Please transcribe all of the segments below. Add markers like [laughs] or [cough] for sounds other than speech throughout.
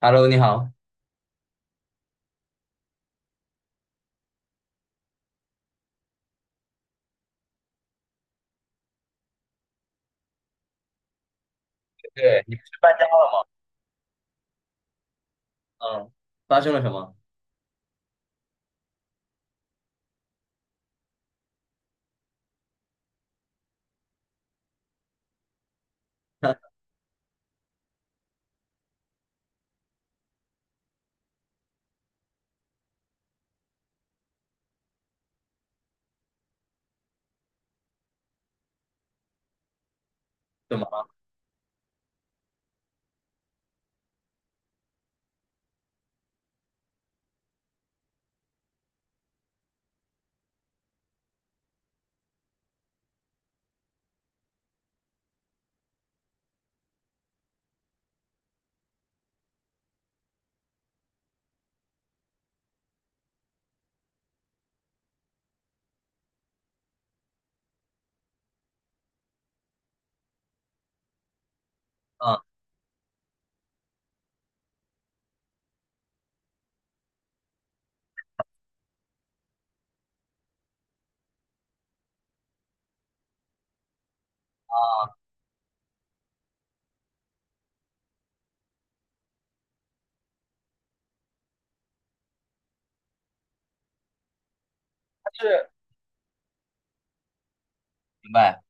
Hello，你好。对，你不是搬家了吗？嗯，发生了什么？[laughs] 怎么了？嗯啊，他是明白。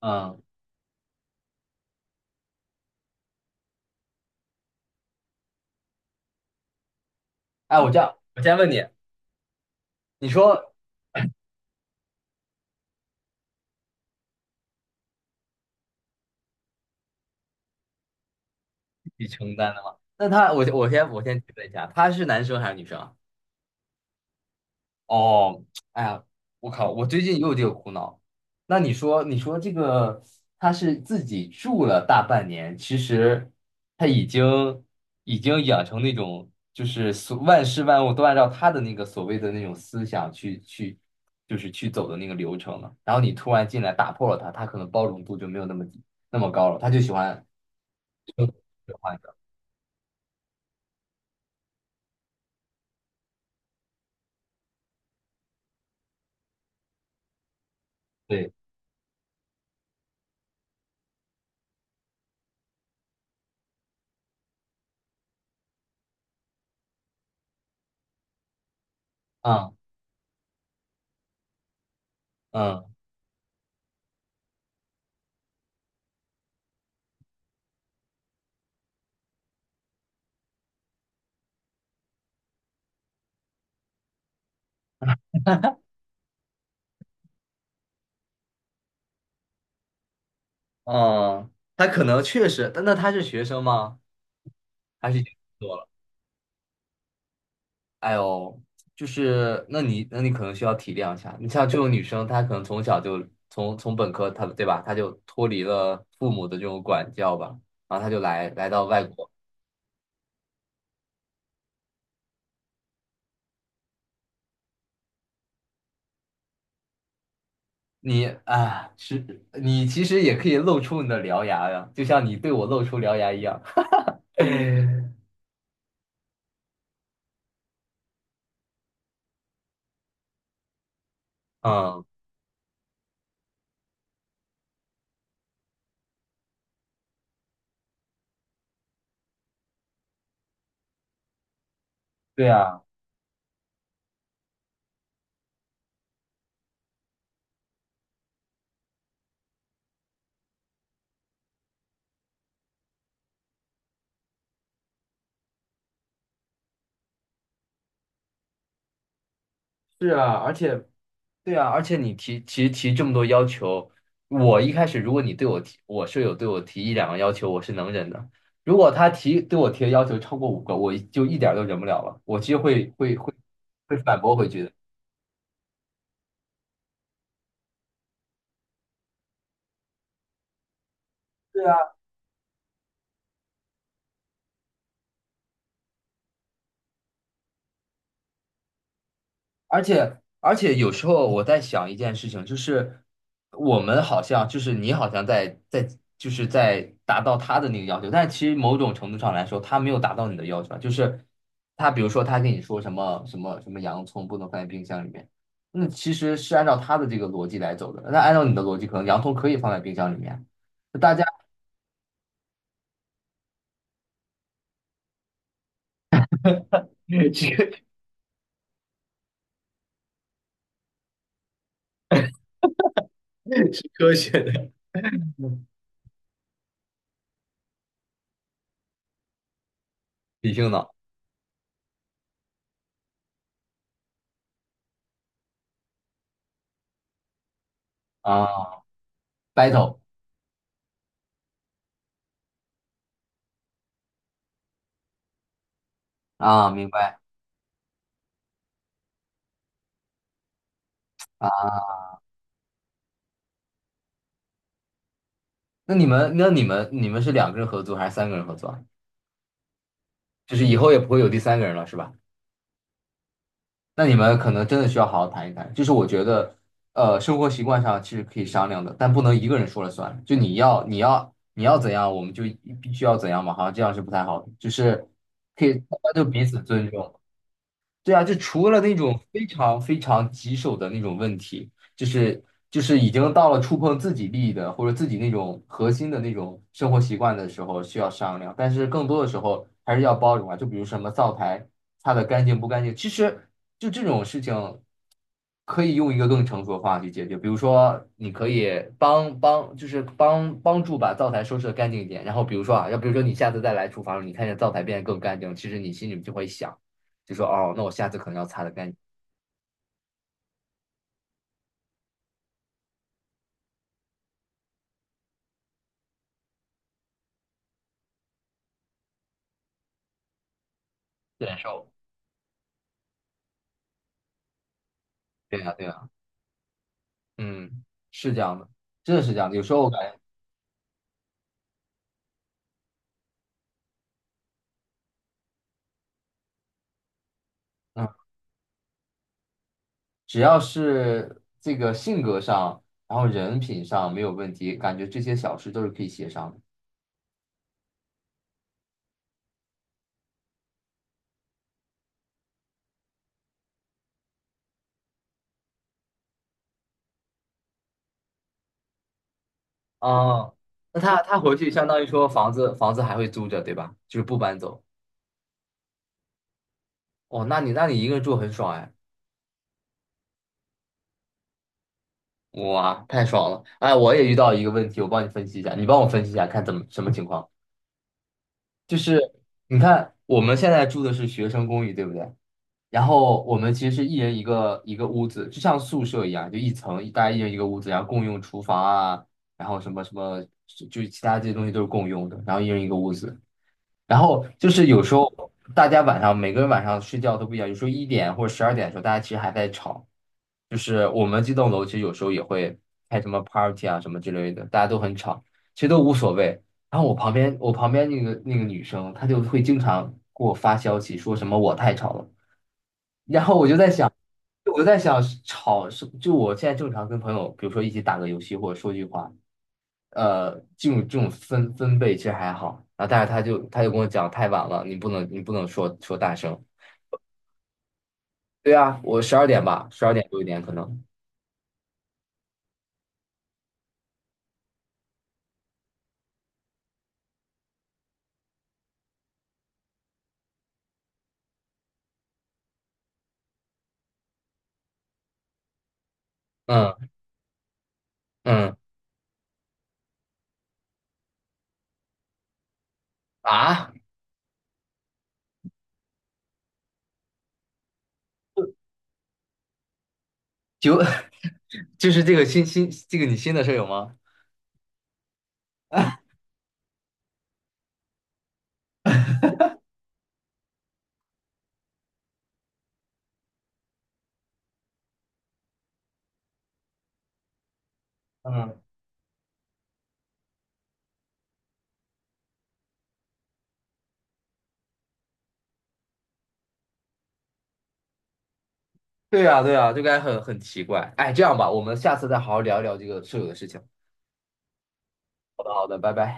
嗯，哎，我这样，我先问你，你说自己承担的吗？那他，我先提问一下，他是男生还是女生啊？哦，哎呀，我靠，我最近也有这个苦恼。那你说，你说这个他是自己住了大半年，其实他已经养成那种就是所万事万物都按照他的那个所谓的那种思想去就是去走的那个流程了。然后你突然进来打破了他，他可能包容度就没有那么低那么高了，他就喜欢就喜欢的。对，嗯嗯嗯，他可能确实，但那他是学生吗？还是已经工作了？哎呦，就是那你那你可能需要体谅一下，你像这种女生，她可能从小就从本科，她对吧，她就脱离了父母的这种管教吧，然后她就来到外国。你啊，是你其实也可以露出你的獠牙呀，就像你对我露出獠牙一样。[laughs] 嗯，对啊。是啊，而且，对啊，而且你提其实提这么多要求，我一开始如果你对我提，我舍友对我提1、2个要求，我是能忍的。如果他提对我提的要求超过5个，我就一点儿都忍不了了，我其实会反驳回去的。对啊。而且有时候我在想一件事情，就是我们好像就是你好像在就是在达到他的那个要求，但其实某种程度上来说，他没有达到你的要求啊就是他比如说他跟你说什么什么什么洋葱不能放在冰箱里面，那其实是按照他的这个逻辑来走的。那按照你的逻辑，可能洋葱可以放在冰箱里面。就大家 [laughs] 这个是科学的。理性的啊，battle 啊，明白。啊。那你们，那你们，你们是两个人合租还是三个人合租啊？就是以后也不会有第三个人了，是吧？那你们可能真的需要好好谈一谈。就是我觉得，生活习惯上其实可以商量的，但不能一个人说了算。就你要，你要，你要怎样，我们就必须要怎样嘛，好像这样是不太好的。就是可以，大家就彼此尊重。对啊，就除了那种非常非常棘手的那种问题，就是已经到了触碰自己利益的或者自己那种核心的那种生活习惯的时候需要商量，但是更多的时候还是要包容啊。就比如什么灶台擦的干净不干净，其实就这种事情可以用一个更成熟的方法去解决。比如说，你可以就是帮助把灶台收拾的干净一点，然后比如说啊，要比如说你下次再来厨房，你看见灶台变得更干净，其实你心里就会想。就说哦，那我下次可能要擦的干净。难受。对呀，对呀，嗯，是这样的，真的是这样的。有时候我感觉，嗯，只要是这个性格上，然后人品上没有问题，感觉这些小事都是可以协商的。哦，那他他回去相当于说房子房子还会租着，对吧？就是不搬走。哦，那你那你一个人住很爽哎，哇，太爽了！哎，我也遇到一个问题，我帮你分析一下，你帮我分析一下，看怎么什么情况？就是你看我们现在住的是学生公寓，对不对？然后我们其实是一人一个一个屋子，就像宿舍一样，就一层，大家一人一个屋子，然后共用厨房啊，然后什么什么，就是其他这些东西都是共用的，然后一人一个屋子。然后就是有时候大家晚上每个人晚上睡觉都不一样，有时候一点或者十二点的时候，大家其实还在吵。就是我们这栋楼其实有时候也会开什么 party 啊什么之类的，大家都很吵，其实都无所谓。然后我旁边那个女生，她就会经常给我发消息说什么我太吵了。我在想吵是就我现在正常跟朋友，比如说一起打个游戏或者说句话，呃，这种这种分贝其实还好。啊，但是他就跟我讲太晚了，你不能说大声。对啊，我十二点吧，十二点多一点可能。嗯嗯啊，就 [laughs] 就是这个新这个你新的舍友吗？嗯，对呀对呀，就感觉很很奇怪。哎，这样吧，我们下次再好好聊一聊这个舍友的事情。好的好的，拜拜。